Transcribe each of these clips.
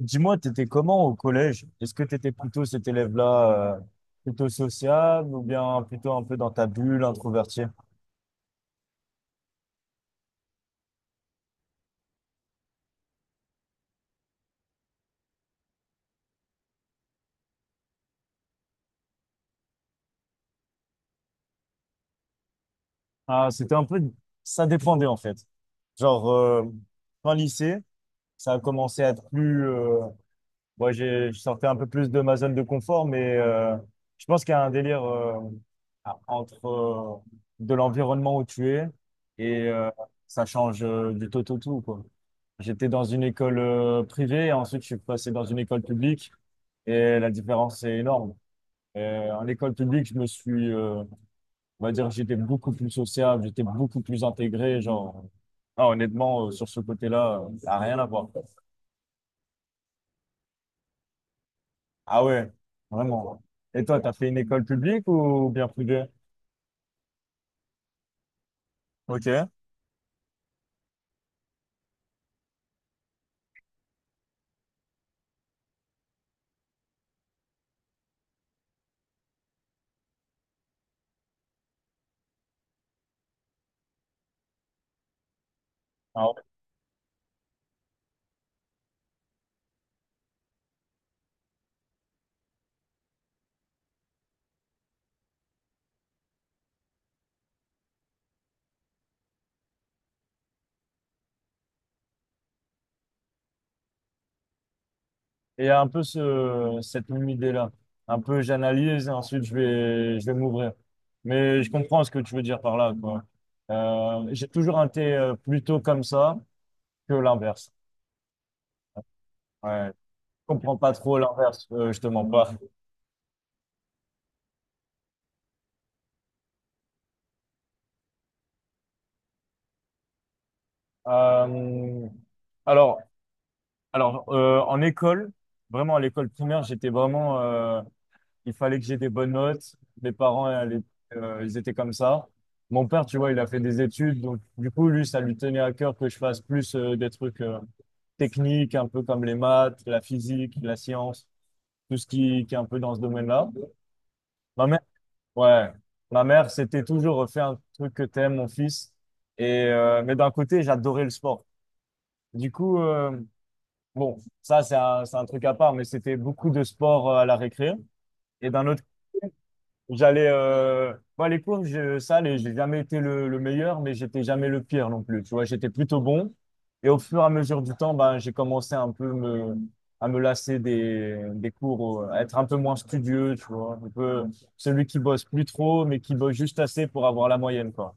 Dis-moi, t'étais comment au collège? Est-ce que t'étais plutôt cet élève-là, plutôt sociable ou bien plutôt un peu dans ta bulle, introverti? Ah, c'était un peu, ça dépendait en fait. Genre, fin lycée, ça a commencé à être plus, moi, je sortais un peu plus de ma zone de confort, mais je pense qu'il y a un délire entre de l'environnement où tu es et ça change du tout au tout, quoi. J'étais dans une école privée, et ensuite je suis passé dans une école publique et la différence est énorme. En école publique, on va dire, j'étais beaucoup plus sociable, j'étais beaucoup plus intégré, genre, ah, honnêtement, sur ce côté-là, ça n'a rien à voir. Ah ouais, vraiment. Et toi, t'as fait une école publique ou bien privée? Ok. Ah ouais. Et un peu cette même idée-là. Un peu, j'analyse et ensuite je vais m'ouvrir. Mais je comprends ce que tu veux dire par là, quoi. J'ai toujours été plutôt comme ça que l'inverse. Ouais. Je comprends pas trop l'inverse, je te mens pas. Euh, alors, en école, vraiment à l'école primaire, j'étais vraiment, il fallait que j'ai des bonnes notes. Mes parents, à l'époque, ils étaient comme ça. Mon père, tu vois, il a fait des études. Donc, du coup, lui, ça lui tenait à cœur que je fasse plus des trucs techniques, un peu comme les maths, la physique, la science, tout ce qui est un peu dans ce domaine-là. Ma mère, ouais, ma mère, c'était toujours fais un truc que t'aimes, mon fils. Mais d'un côté, j'adorais le sport. Du coup, bon, c'est un truc à part, mais c'était beaucoup de sport à la récré. Et d'un autre Bah, les cours, j'ai jamais été le meilleur, mais j'étais jamais le pire non plus. Tu vois, j'étais plutôt bon. Et au fur et à mesure du temps, bah, j'ai commencé un peu à me lasser des cours, à être un peu moins studieux, tu vois. Un peu celui qui bosse plus trop, mais qui bosse juste assez pour avoir la moyenne, quoi.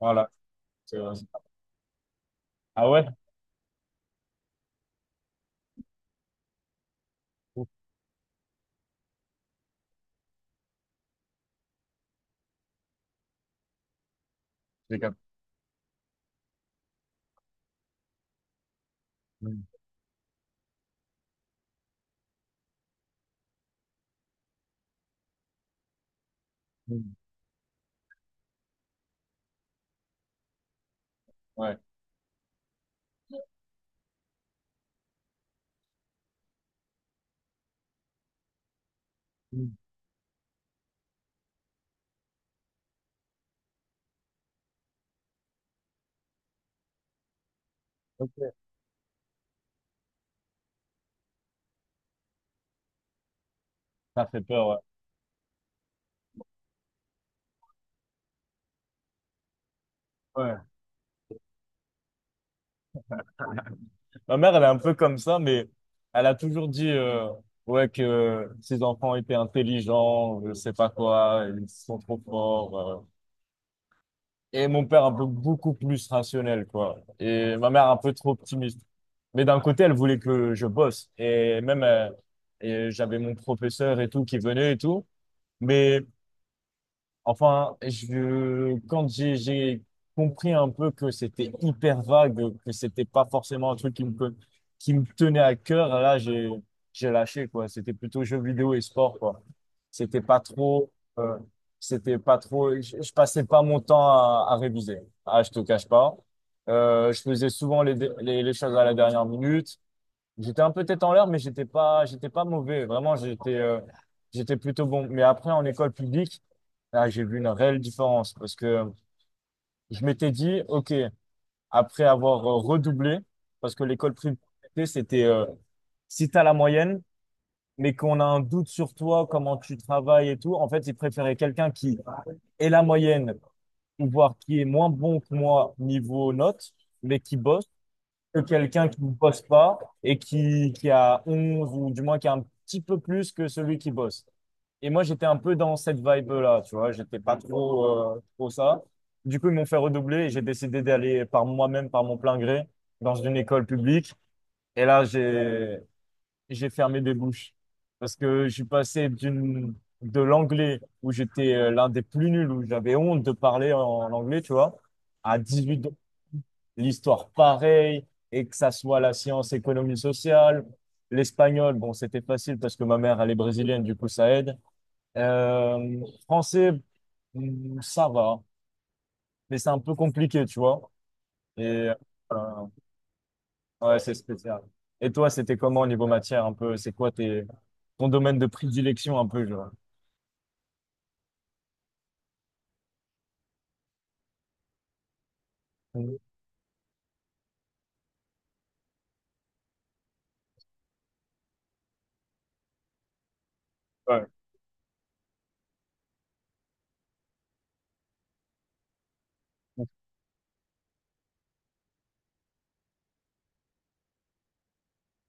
Voilà. C'est- Ah ouais? Ouf, j'ai cap- mm, mm, ouais. Mm, ok. Ça fait peur, ouais. Ouais. Ma mère, elle est un peu comme ça, mais elle a toujours dit ouais que ses enfants étaient intelligents, je sais pas quoi, ils sont trop forts. Et mon père un peu beaucoup plus rationnel, quoi. Et ma mère un peu trop optimiste. Mais d'un côté, elle voulait que je bosse. Et même, et j'avais mon professeur et tout qui venait et tout. Mais enfin, quand j'ai compris un peu que c'était hyper vague, que c'était pas forcément un truc qui me tenait à cœur, là, j'ai lâché, quoi. C'était plutôt jeux vidéo et sport, quoi. C'était pas trop, euh, c'était pas trop, je passais pas mon temps à réviser. Ah, je te cache pas. Je faisais souvent les choses à la dernière minute. J'étais un peu tête en l'air, mais j'étais pas mauvais. Vraiment, j'étais plutôt bon. Mais après, en école publique, là, j'ai vu une réelle différence parce que je m'étais dit, OK, après avoir redoublé, parce que l'école privée, c'était, si t'as la moyenne, mais qu'on a un doute sur toi, comment tu travailles et tout, en fait, ils préféraient quelqu'un qui ait la moyenne ou voir qui est moins bon que moi niveau notes, mais qui bosse que quelqu'un qui ne bosse pas et qui a 11 ou du moins qui a un petit peu plus que celui qui bosse. Et moi, j'étais un peu dans cette vibe-là, tu vois, j'étais pas trop, trop ça. Du coup, ils m'ont fait redoubler et j'ai décidé d'aller par moi-même, par mon plein gré, dans une école publique. Et là, j'ai fermé des bouches parce que je suis passé de l'anglais où j'étais l'un des plus nuls, où j'avais honte de parler en anglais, tu vois, à 18, l'histoire pareil, et que ça soit la science économie sociale. L'espagnol, bon, c'était facile parce que ma mère, elle est brésilienne, du coup, ça aide. Français, ça va, mais c'est un peu compliqué, tu vois. Et euh, ouais, c'est spécial. Et toi, c'était comment au niveau matière, un peu? C'est quoi ton domaine de prédilection, un peu, genre? Ouais.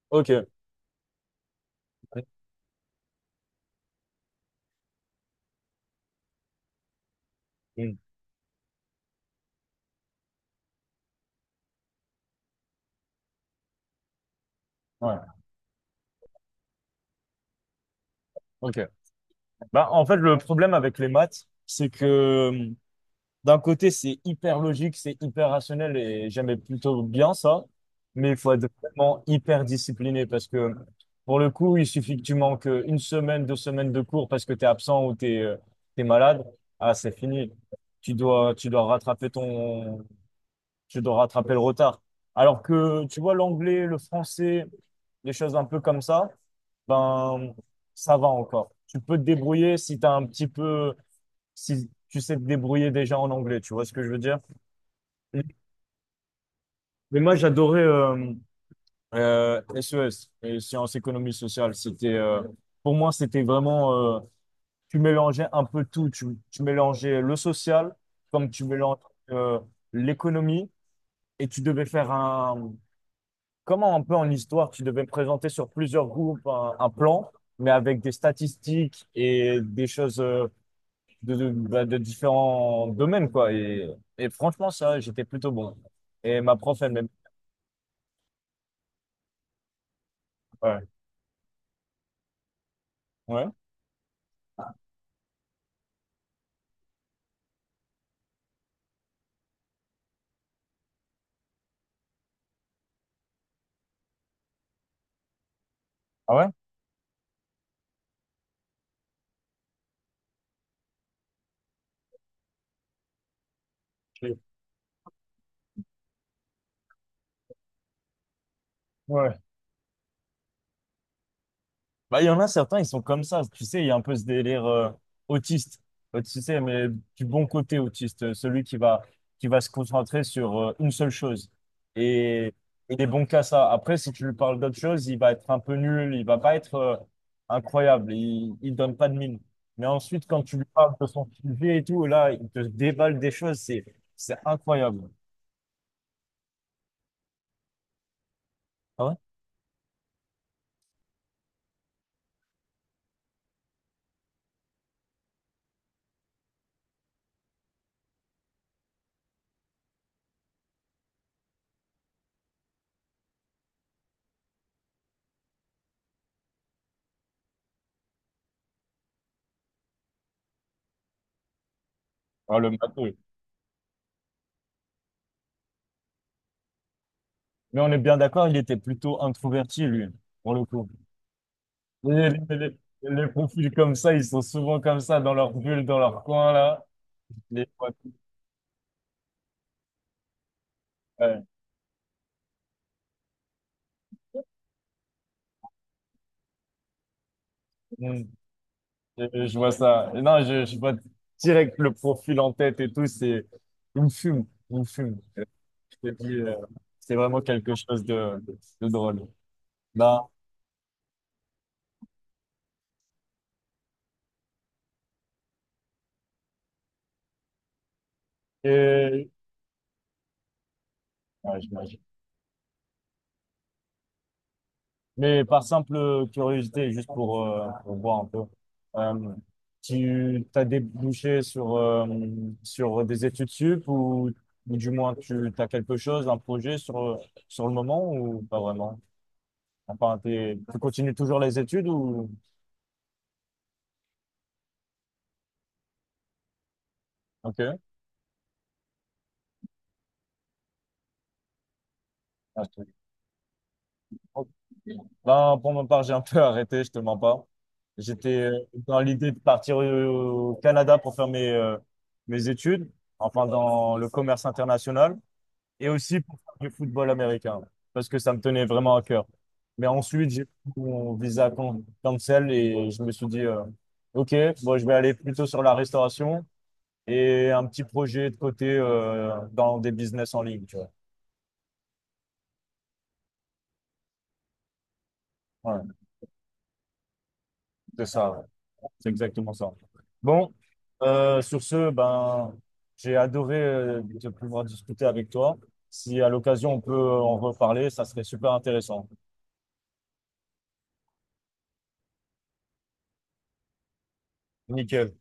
Ok. Mm. Ouais. Ok. Bah, en fait, le problème avec les maths, c'est que d'un côté, c'est hyper logique, c'est hyper rationnel et j'aimais plutôt bien ça. Mais il faut être vraiment hyper discipliné parce que pour le coup, il suffit que tu manques une semaine, 2 semaines de cours parce que tu es absent ou tu es, malade. Ah, c'est fini. Tu dois, tu dois rattraper ton, tu dois rattraper le retard. Alors que tu vois l'anglais, le français, des choses un peu comme ça, ben, ça va encore. Tu peux te débrouiller si tu un petit peu, si tu sais te débrouiller déjà en anglais. Tu vois ce que je veux dire? Mais moi, j'adorais SES, les sciences économie sociale. C'était, pour moi, c'était vraiment, tu mélangeais un peu tout. Tu mélangeais le social, comme tu mélanges euh, l'économie, et tu devais faire un, comment un peu en histoire, tu devais présenter sur plusieurs groupes un plan, mais avec des statistiques et des choses bah, de différents domaines, quoi. Et franchement, ça, j'étais plutôt bon. Et ma prof, elle m'aimait. Ouais. Ouais. Ah ouais? Ouais. Bah, il y en a certains, ils sont comme ça. Tu sais, il y a un peu ce délire autiste. Tu sais, mais du bon côté autiste, qui va se concentrer sur une seule chose. Et il est bon qu'à ça. Après, si tu lui parles d'autre chose, il va être un peu nul, il va pas être incroyable, il donne pas de mine. Mais ensuite, quand tu lui parles de son sujet et tout, là, il te déballe des choses, c'est incroyable. Ah ouais? Ah, le matou. Mais on est bien d'accord, il était plutôt introverti, lui, pour le coup. Les, les- les- les profils comme ça, ils sont souvent comme ça, dans leur bulle, dans leur coin, là. Les- ouais, mm, je vois ça. Et non, je vois direct le profil en tête et tout, c'est... Il me fume, il me fume. Je te dis, c'est vraiment quelque chose de drôle. Bah, et... ouais, j'imagine. Mais par simple curiosité, juste pour voir un peu, euh, tu t'as débouché sur des études sup ou du moins tu as quelque chose, un projet sur le moment ou pas vraiment? Enfin, tu continues toujours les études ou... Ok. Ah, ben, pour ma part, j'ai un peu arrêté, je te mens pas. J'étais dans l'idée de partir au Canada pour faire mes études, enfin dans le commerce international. Et aussi pour faire du football américain, parce que ça me tenait vraiment à cœur. Mais ensuite, j'ai pris mon visa cancel et je me suis dit, OK, bon, je vais aller plutôt sur la restauration et un petit projet de côté dans des business en ligne, tu vois. Voilà, c'est ça, ouais. C'est exactement ça. Bon, sur ce, ben, j'ai adoré de pouvoir discuter avec toi. Si à l'occasion on peut en reparler, ça serait super intéressant. Nickel.